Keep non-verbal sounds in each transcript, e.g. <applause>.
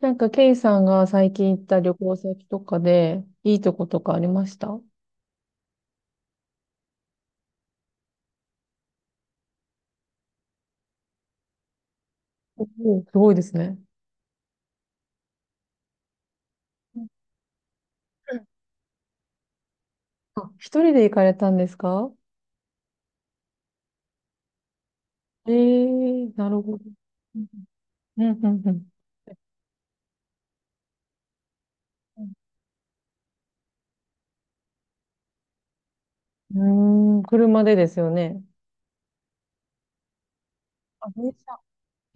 なんか、ケイさんが最近行った旅行先とかで、いいとことかありましたお？おー、すごいですね。うん。あ、一人で行かれたんですか？ええー、なるほど。うんうんうんうん。うーん、車でですよね。あ、電車。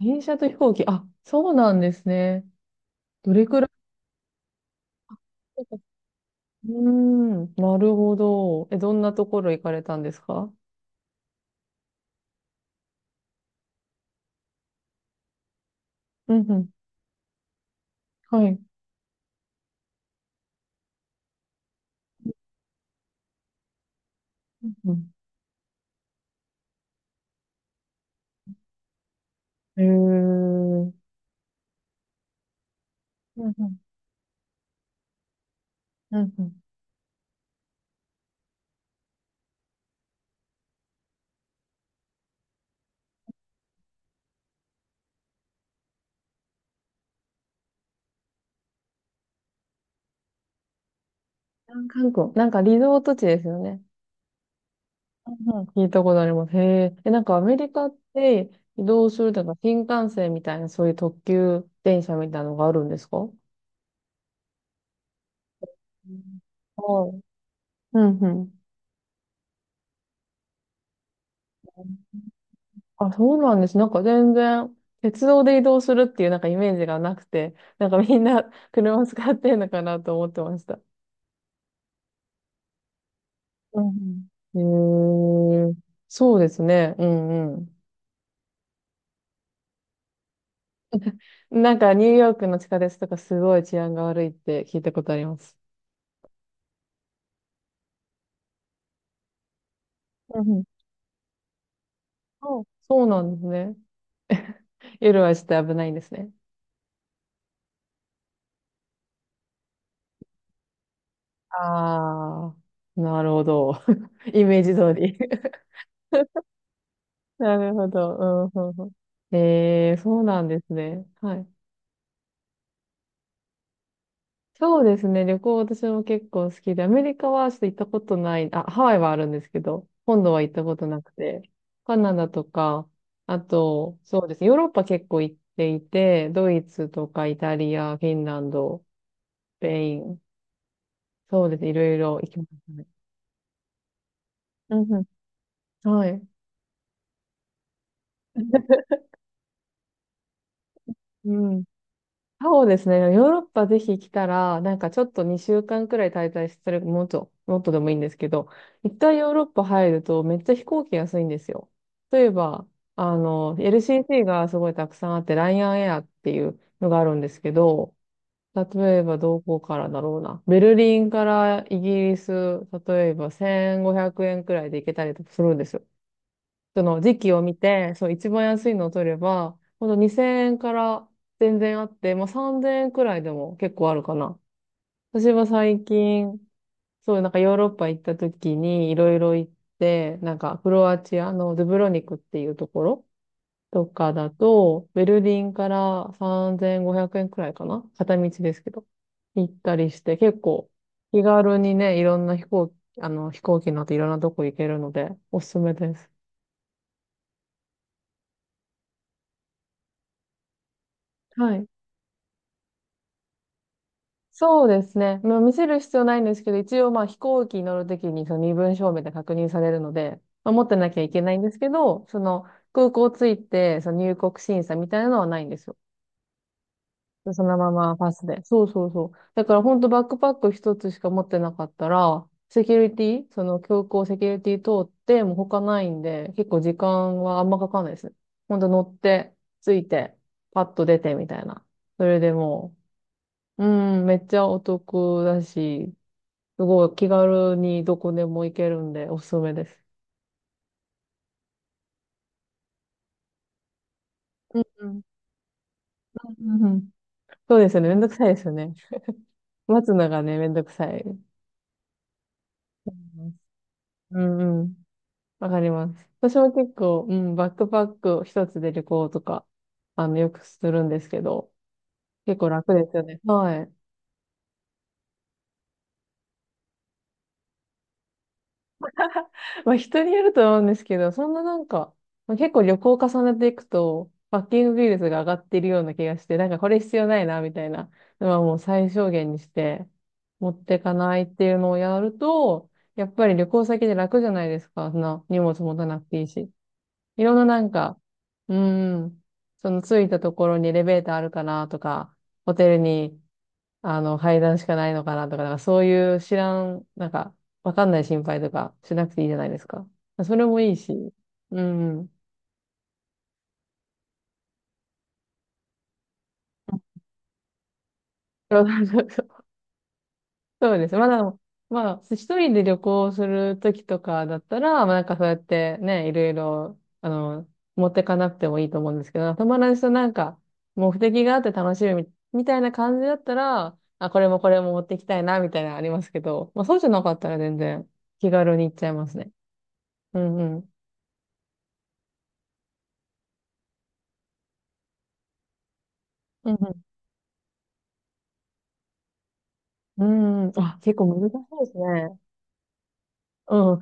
電車と飛行機。あ、そうなんですね。どれくらい。うーん、なるほど。え、どんなところ行かれたんですか？うんうん。はい。うんうん。えー。うんうん。うんうん。韓国、なんかリゾート地ですよね。うんうん、聞いたことあります。へえ。え、なんかアメリカって移動するとか新幹線みたいなそういう特急電車みたいなのがあるんですか？うん。はい。うんうん。あ、そうなんです。なんか全然鉄道で移動するっていうなんかイメージがなくて、なんかみんな車使ってんのかなと思ってました。うんうん。へえ。そうですね。うんうん。なんかニューヨークの地下鉄とかすごい治安が悪いって聞いたことあります。うんうん。そう、そうなんですね。夜はちょっと危ないんですね。ああ、なるほど。<laughs> イメージ通り。<laughs> なるほど。うんうんうん。ええ、そうなんですね。はい。そうですね。旅行私も結構好きで、アメリカはちょっと行ったことない、あ、ハワイはあるんですけど、本土は行ったことなくて、カナダとか、あと、そうですね。ヨーロッパ結構行っていて、ドイツとかイタリア、フィンランド、スペイン、そうですね。いろいろ行きましたね。はい。うん。そうですね。ヨーロッパぜひ来たら、なんかちょっと2週間くらい滞在する、もっと、もっとでもいいんですけど、一旦ヨーロッパ入るとめっちゃ飛行機安いんですよ。例えば、LCC がすごいたくさんあって、ライアンエアっていうのがあるんですけど、例えばどこからだろうな。ベルリンからイギリス、例えば1500円くえんくらいで行けたりとかするんですよ。その時期を見て、そう、一番安いのを取れば、ほんと2000円から全然あって、まあ3000円くらいでも結構あるかな。私は最近、そう、なんかヨーロッパ行った時にいろいろ行って、なんかクロアチアのドゥブロニクっていうところとかだと、ベルリンから3500円くえんくらいかな片道ですけど。行ったりして、結構気軽にね、いろんな飛行機乗っていろんなとこ行けるので、おすすめです。はい。そうですね。まあ、見せる必要ないんですけど、一応まあ飛行機に乗るときにその身分証明で確認されるので、まあ、持ってなきゃいけないんですけど、その空港着いて、その入国審査みたいなのはないんですよ。でそのままパスで。そうそうそう。だから本当バックパック一つしか持ってなかったら、セキュリティ、その空港セキュリティ通って、もう他ないんで、結構時間はあんまかかんないですね。本当乗って、着いて、パッと出てみたいな。それでもう、うん、めっちゃお得だし、すごい気軽にどこでも行けるんで、おすすめです。うんうん。うんうん。そうですよね。めんどくさいですよね。<laughs> 待つのがね、めんどくさい。うんうん。わかります。私も結構、うん、バックパック一つで旅行とか、よくするんですけど、結構楽ですよね。はい。まあ人によると思うんですけど、そんななんか、まあ、結構旅行を重ねていくと、パッキングビールズが上がっているような気がして、なんかこれ必要ないな、みたいなのはもう最小限にして、持ってかないっていうのをやると、やっぱり旅行先で楽じゃないですか。そんな荷物持たなくていいし。いろんななんか、うーん、その着いたところにエレベーターあるかなとか、ホテルに階段しかないのかなとか、なんかそういう知らん、なんか、わかんない心配とかしなくていいじゃないですか。それもいいし。うん。そうそうそうそうです。まあ、一人で旅行するときとかだったら、まあなんかそうやってね、いろいろ、持ってかなくてもいいと思うんですけど、友達となんか、目的があって楽しみみみたいな感じだったら、あ、これもこれも持ってきたいな、みたいなのありますけど、まあそうじゃなかったら全然気軽に行っちゃいますね。うんうん。うんうん。あ、結構難しいですね。うん。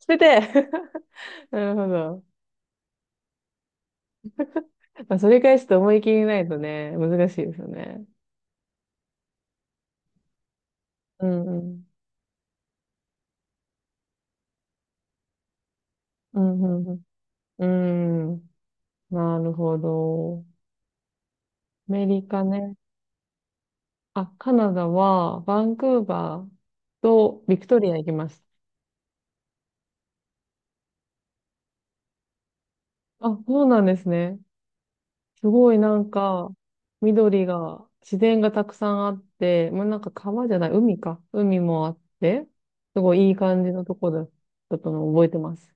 捨てて <laughs> なるほど。まあ、それ返すと思い切りないとね、難しいですよね。うんうん。うん、うん、うん。うん。なるほど。アメリカね。あ、カナダは、バンクーバーとビクトリア行きました。あ、そうなんですね。すごいなんか、緑が、自然がたくさんあって、もうなんか川じゃない、海か。海もあって、すごいいい感じのとこだったのを覚えてます。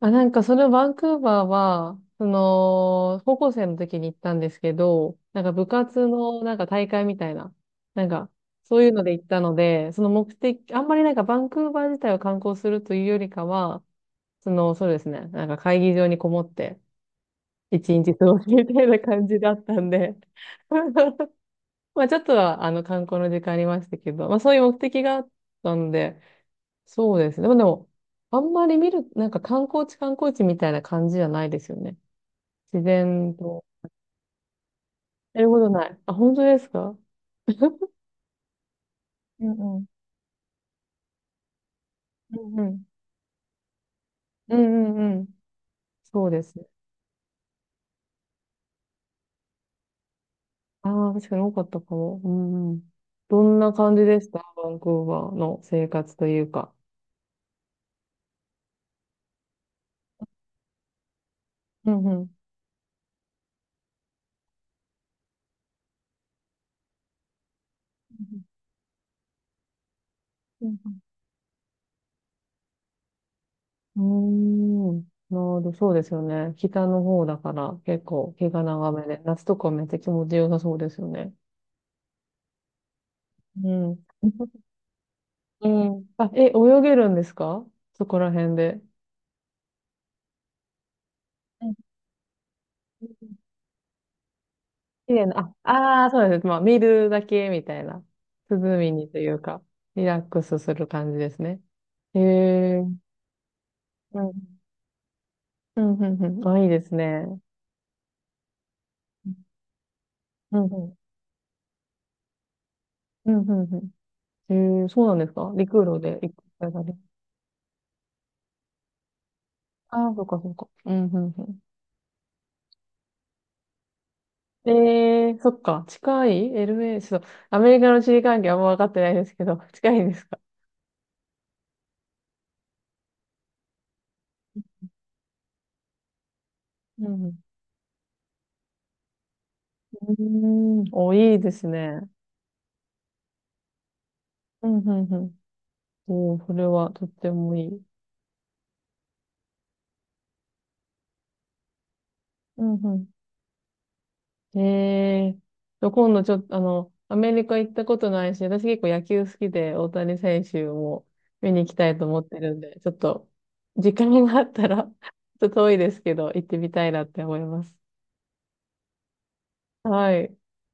あ、なんかそのバンクーバーは、その、高校生の時に行ったんですけど、なんか部活のなんか大会みたいな、なんかそういうので行ったので、その目的、あんまりなんかバンクーバー自体を観光するというよりかは、その、そうですね、なんか会議場にこもって、一日過ごすみたいな感じだったんで <laughs> まあちょっとは観光の時間ありましたけど、まあそういう目的があったんで、そうですね。でもあんまり見る、なんか観光地観光地みたいな感じじゃないですよね。自然と。やることない。あ、本当ですか？うんうん。うんうん。うんうんうん。そうですね。ああ、確かに多かったかも。うんうん。どんな感じでしたバンクーバーの生活というか。うんうん。うんうーん。なるほど、そうですよね。北の方だから結構日が長めで、夏とかめっちゃ気持ちよさそうですよね。うん。うん。あ、え、泳げるんですか？そこら辺で。うん。綺麗な、あ、あーそうです。まあ、見るだけみたいな。涼みにというか、リラックスする感じですね。へえ。うん。うん、うん、うん。あ、いいですね。うん、うん。うん、うん、うん。へえ、そうなんですか？陸路で行く。ああ、そっかそっか。うん、うん、うん。ええー、そっか。近い ?LA、ちょっと、アメリカの地理関係あんま分かってないですけど、<laughs> 近いんですか？うん。うーん。お、いいですね。うん、うん、うん。おー、それはとってもいい。うん、うん。ええー。今度ちょっと、アメリカ行ったことないし、私結構野球好きで、大谷選手も見に行きたいと思ってるんで、ちょっと、時間があったら <laughs> ちょっと遠いですけど、行ってみたいなって思います。はい。